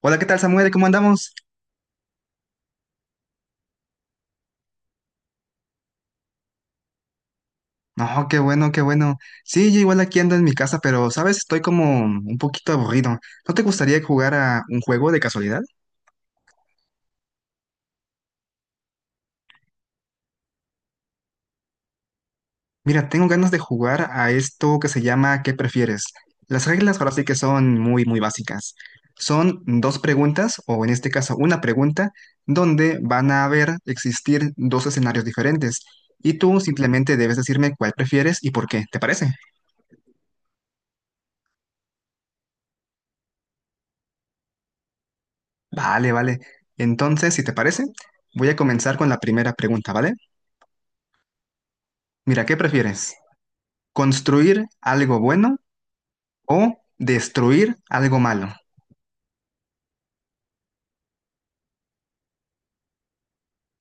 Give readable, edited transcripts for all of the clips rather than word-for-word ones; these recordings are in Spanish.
Hola, ¿qué tal, Samuel? ¿Cómo andamos? No, qué bueno, qué bueno. Sí, yo igual aquí ando en mi casa, pero, ¿sabes? Estoy como un poquito aburrido. ¿No te gustaría jugar a un juego de casualidad? Mira, tengo ganas de jugar a esto que se llama ¿Qué prefieres? Las reglas ahora sí que son muy, muy básicas. Son dos preguntas, o en este caso una pregunta, donde van a haber existir dos escenarios diferentes. Y tú simplemente debes decirme cuál prefieres y por qué. ¿Te parece? Vale, vale. Entonces, si te parece, voy a comenzar con la primera pregunta, ¿vale? Mira, ¿qué prefieres? ¿Construir algo bueno o destruir algo malo?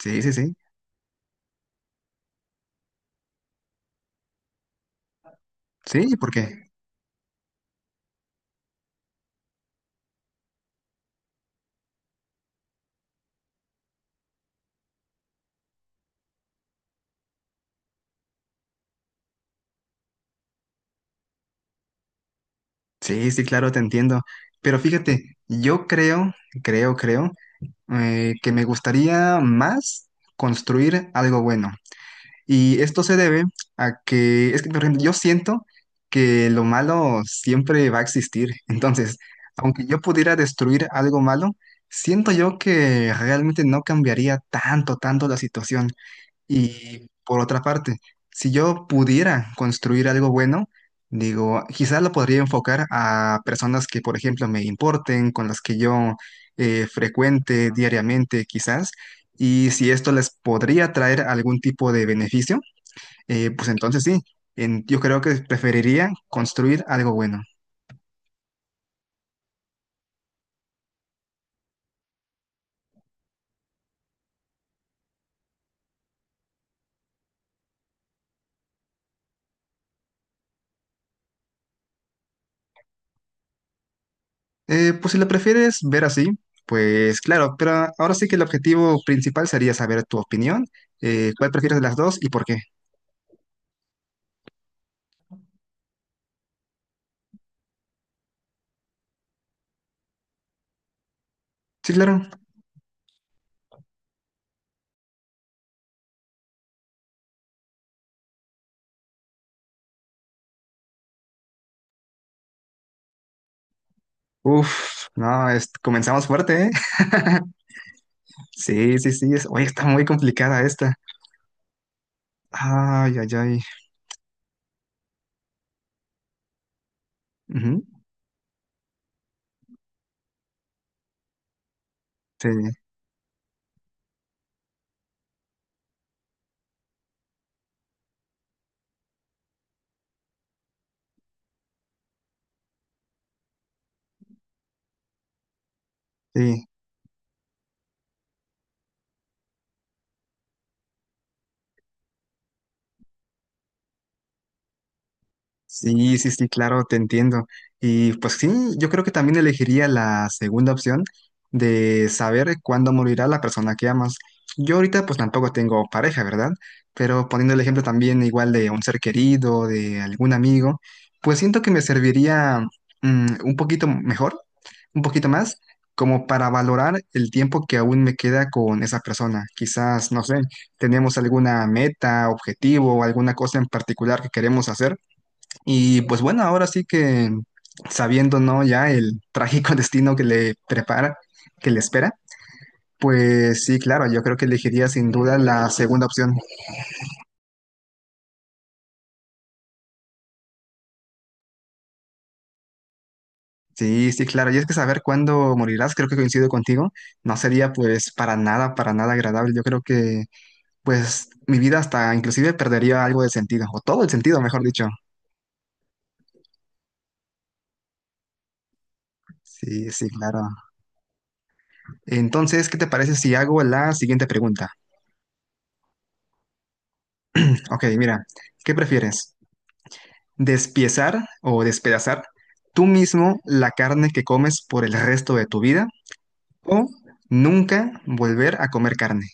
Sí, sí, sí. Sí, ¿por qué? Sí, sí, claro, te entiendo. Pero fíjate, yo creo, creo, creo, que me gustaría más construir algo bueno. Y esto se debe a que, es que por ejemplo, yo siento que lo malo siempre va a existir. Entonces, aunque yo pudiera destruir algo malo, siento yo que realmente no cambiaría tanto, tanto la situación. Y por otra parte, si yo pudiera construir algo bueno, digo, quizás lo podría enfocar a personas que, por ejemplo, me importen, con las que yo frecuente diariamente, quizás. Y si esto les podría traer algún tipo de beneficio pues entonces sí, yo creo que preferiría construir algo bueno. Pues si lo prefieres ver así, pues claro, pero ahora sí que el objetivo principal sería saber tu opinión, cuál prefieres de las dos y por qué. Sí, claro. Uf, no, comenzamos fuerte, ¿eh? Sí, sí, sí, es, oye, está muy complicada esta. Ay, ay, ay. Ujú. Sí, sí. Sí, sí, sí, claro, te entiendo. Y pues sí, yo creo que también elegiría la segunda opción de saber cuándo morirá la persona que amas. Yo ahorita pues tampoco tengo pareja, ¿verdad? Pero poniendo el ejemplo también igual de un ser querido, de algún amigo, pues siento que me serviría un poquito mejor, un poquito más, como para valorar el tiempo que aún me queda con esa persona. Quizás, no sé, tenemos alguna meta, objetivo o alguna cosa en particular que queremos hacer y pues bueno, ahora sí que sabiendo, ¿no? Ya el trágico destino que le prepara, que le espera, pues sí, claro, yo creo que elegiría sin duda la segunda opción. Sí, sí, claro. Y es que saber cuándo morirás, creo que coincido contigo, no sería pues para nada agradable. Yo creo que pues mi vida hasta inclusive perdería algo de sentido, o todo el sentido, mejor dicho. Sí, sí, claro. Entonces, ¿qué te parece si hago la siguiente pregunta? Ok, mira, ¿qué prefieres? Despiezar o despedazar tú mismo la carne que comes por el resto de tu vida o nunca volver a comer carne.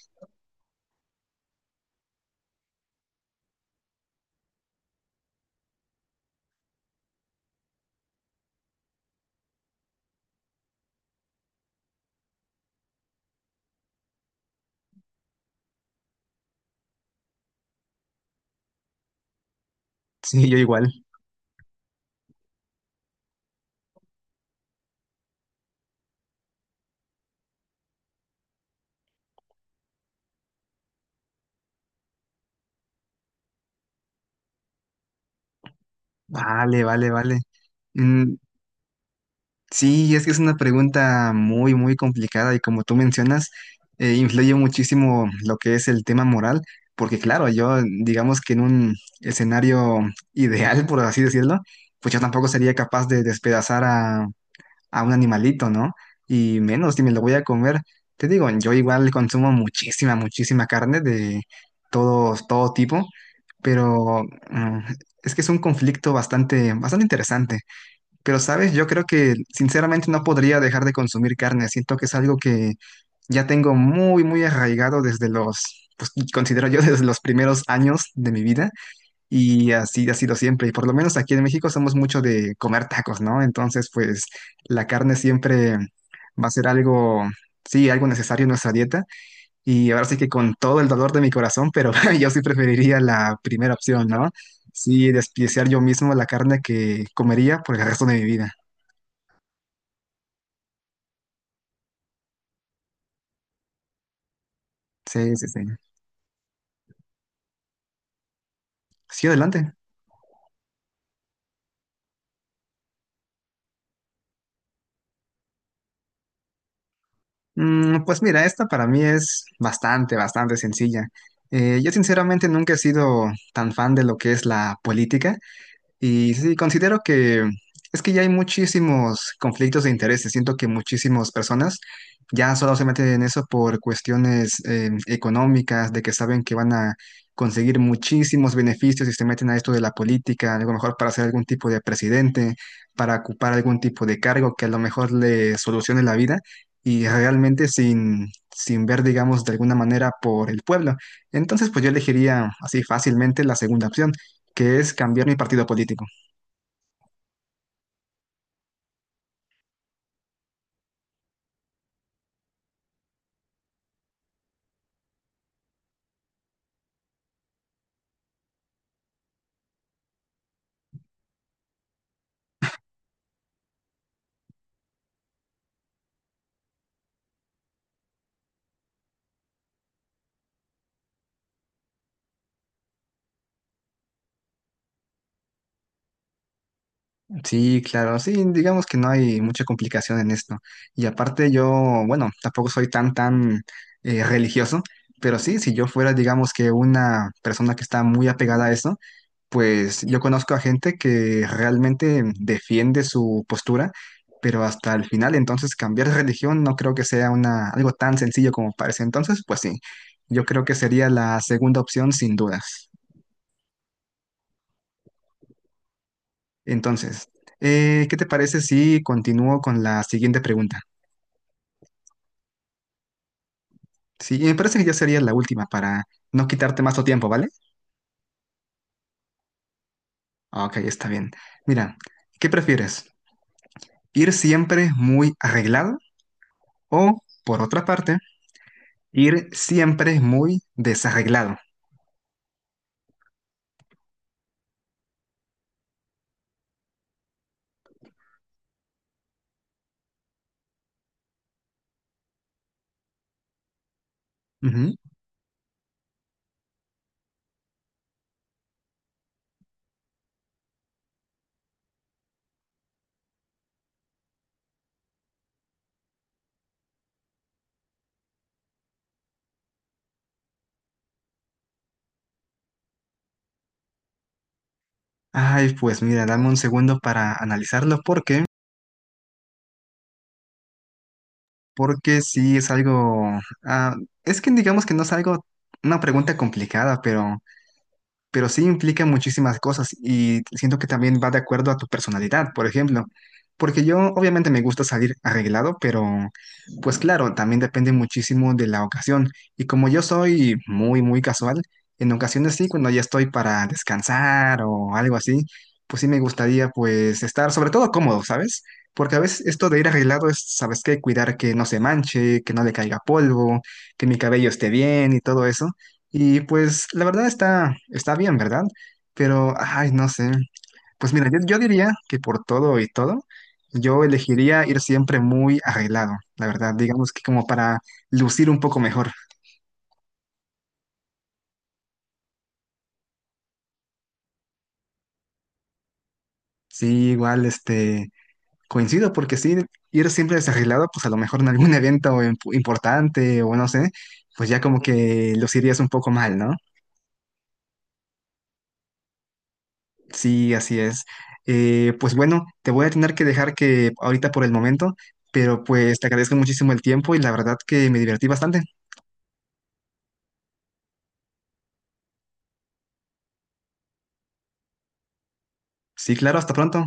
Sí, yo igual. Vale, vale, vale. Mm, sí, es que es una pregunta muy, muy complicada y como tú mencionas, influye muchísimo lo que es el tema moral, porque claro, yo digamos que en un escenario ideal, por así decirlo, pues yo tampoco sería capaz de despedazar a un animalito, ¿no? Y menos si me lo voy a comer. Te digo, yo igual consumo muchísima, muchísima carne de todo, todo tipo, pero mm, es que es un conflicto bastante, bastante interesante. Pero, ¿sabes? Yo creo que sinceramente no podría dejar de consumir carne. Siento que es algo que ya tengo muy, muy arraigado desde los, pues considero yo desde los primeros años de mi vida. Y así ha sido siempre. Y por lo menos aquí en México somos mucho de comer tacos, ¿no? Entonces, pues la carne siempre va a ser algo, sí, algo necesario en nuestra dieta. Y ahora sí que con todo el dolor de mi corazón, pero yo sí preferiría la primera opción, ¿no? Sí, despreciar yo mismo la carne que comería por el resto de mi vida. Sí, sí, sí. Sí, adelante. Mm, pues mira, esta para mí es bastante, bastante sencilla. Yo sinceramente nunca he sido tan fan de lo que es la política. Y sí, considero que es que ya hay muchísimos conflictos de intereses. Siento que muchísimas personas ya solo se meten en eso por cuestiones económicas, de que saben que van a conseguir muchísimos beneficios y se meten a esto de la política, a lo mejor para ser algún tipo de presidente, para ocupar algún tipo de cargo que a lo mejor le solucione la vida y realmente sin, sin ver, digamos, de alguna manera por el pueblo. Entonces, pues yo elegiría así fácilmente la segunda opción, que es cambiar mi partido político. Sí, claro, sí, digamos que no hay mucha complicación en esto. Y aparte yo, bueno, tampoco soy tan, tan religioso, pero sí, si yo fuera, digamos que una persona que está muy apegada a eso, pues yo conozco a gente que realmente defiende su postura, pero hasta el final, entonces cambiar de religión no creo que sea una, algo tan sencillo como parece. Entonces, pues sí, yo creo que sería la segunda opción sin dudas. Entonces, ¿qué te parece si continúo con la siguiente pregunta? Sí, me parece que ya sería la última para no quitarte más tu tiempo, ¿vale? Ok, está bien. Mira, ¿qué prefieres? ¿Ir siempre muy arreglado o, por otra parte, ir siempre muy desarreglado? Ujú. Ay, pues mira, dame un segundo para analizarlo. ¿Por qué? Porque sí es algo... ah, es que digamos que no es algo, una pregunta complicada, pero sí implica muchísimas cosas y siento que también va de acuerdo a tu personalidad, por ejemplo, porque yo obviamente me gusta salir arreglado, pero pues claro, también depende muchísimo de la ocasión y como yo soy muy, muy casual, en ocasiones sí, cuando ya estoy para descansar o algo así, pues sí me gustaría pues estar sobre todo cómodo, ¿sabes? Porque a veces esto de ir arreglado es, ¿sabes qué? Cuidar que no se manche, que no le caiga polvo, que mi cabello esté bien y todo eso. Y pues la verdad está, está bien, ¿verdad? Pero, ay, no sé. Pues mira, yo diría que por todo y todo, yo elegiría ir siempre muy arreglado, la verdad. Digamos que como para lucir un poco mejor. Sí, igual, este, coincido porque sí, ir siempre desarreglado, pues a lo mejor en algún evento importante o no sé, pues ya como que lucirías un poco mal, ¿no? Sí, así es. Pues bueno, te voy a tener que dejar que ahorita por el momento, pero pues te agradezco muchísimo el tiempo y la verdad que me divertí bastante. Sí, claro, hasta pronto.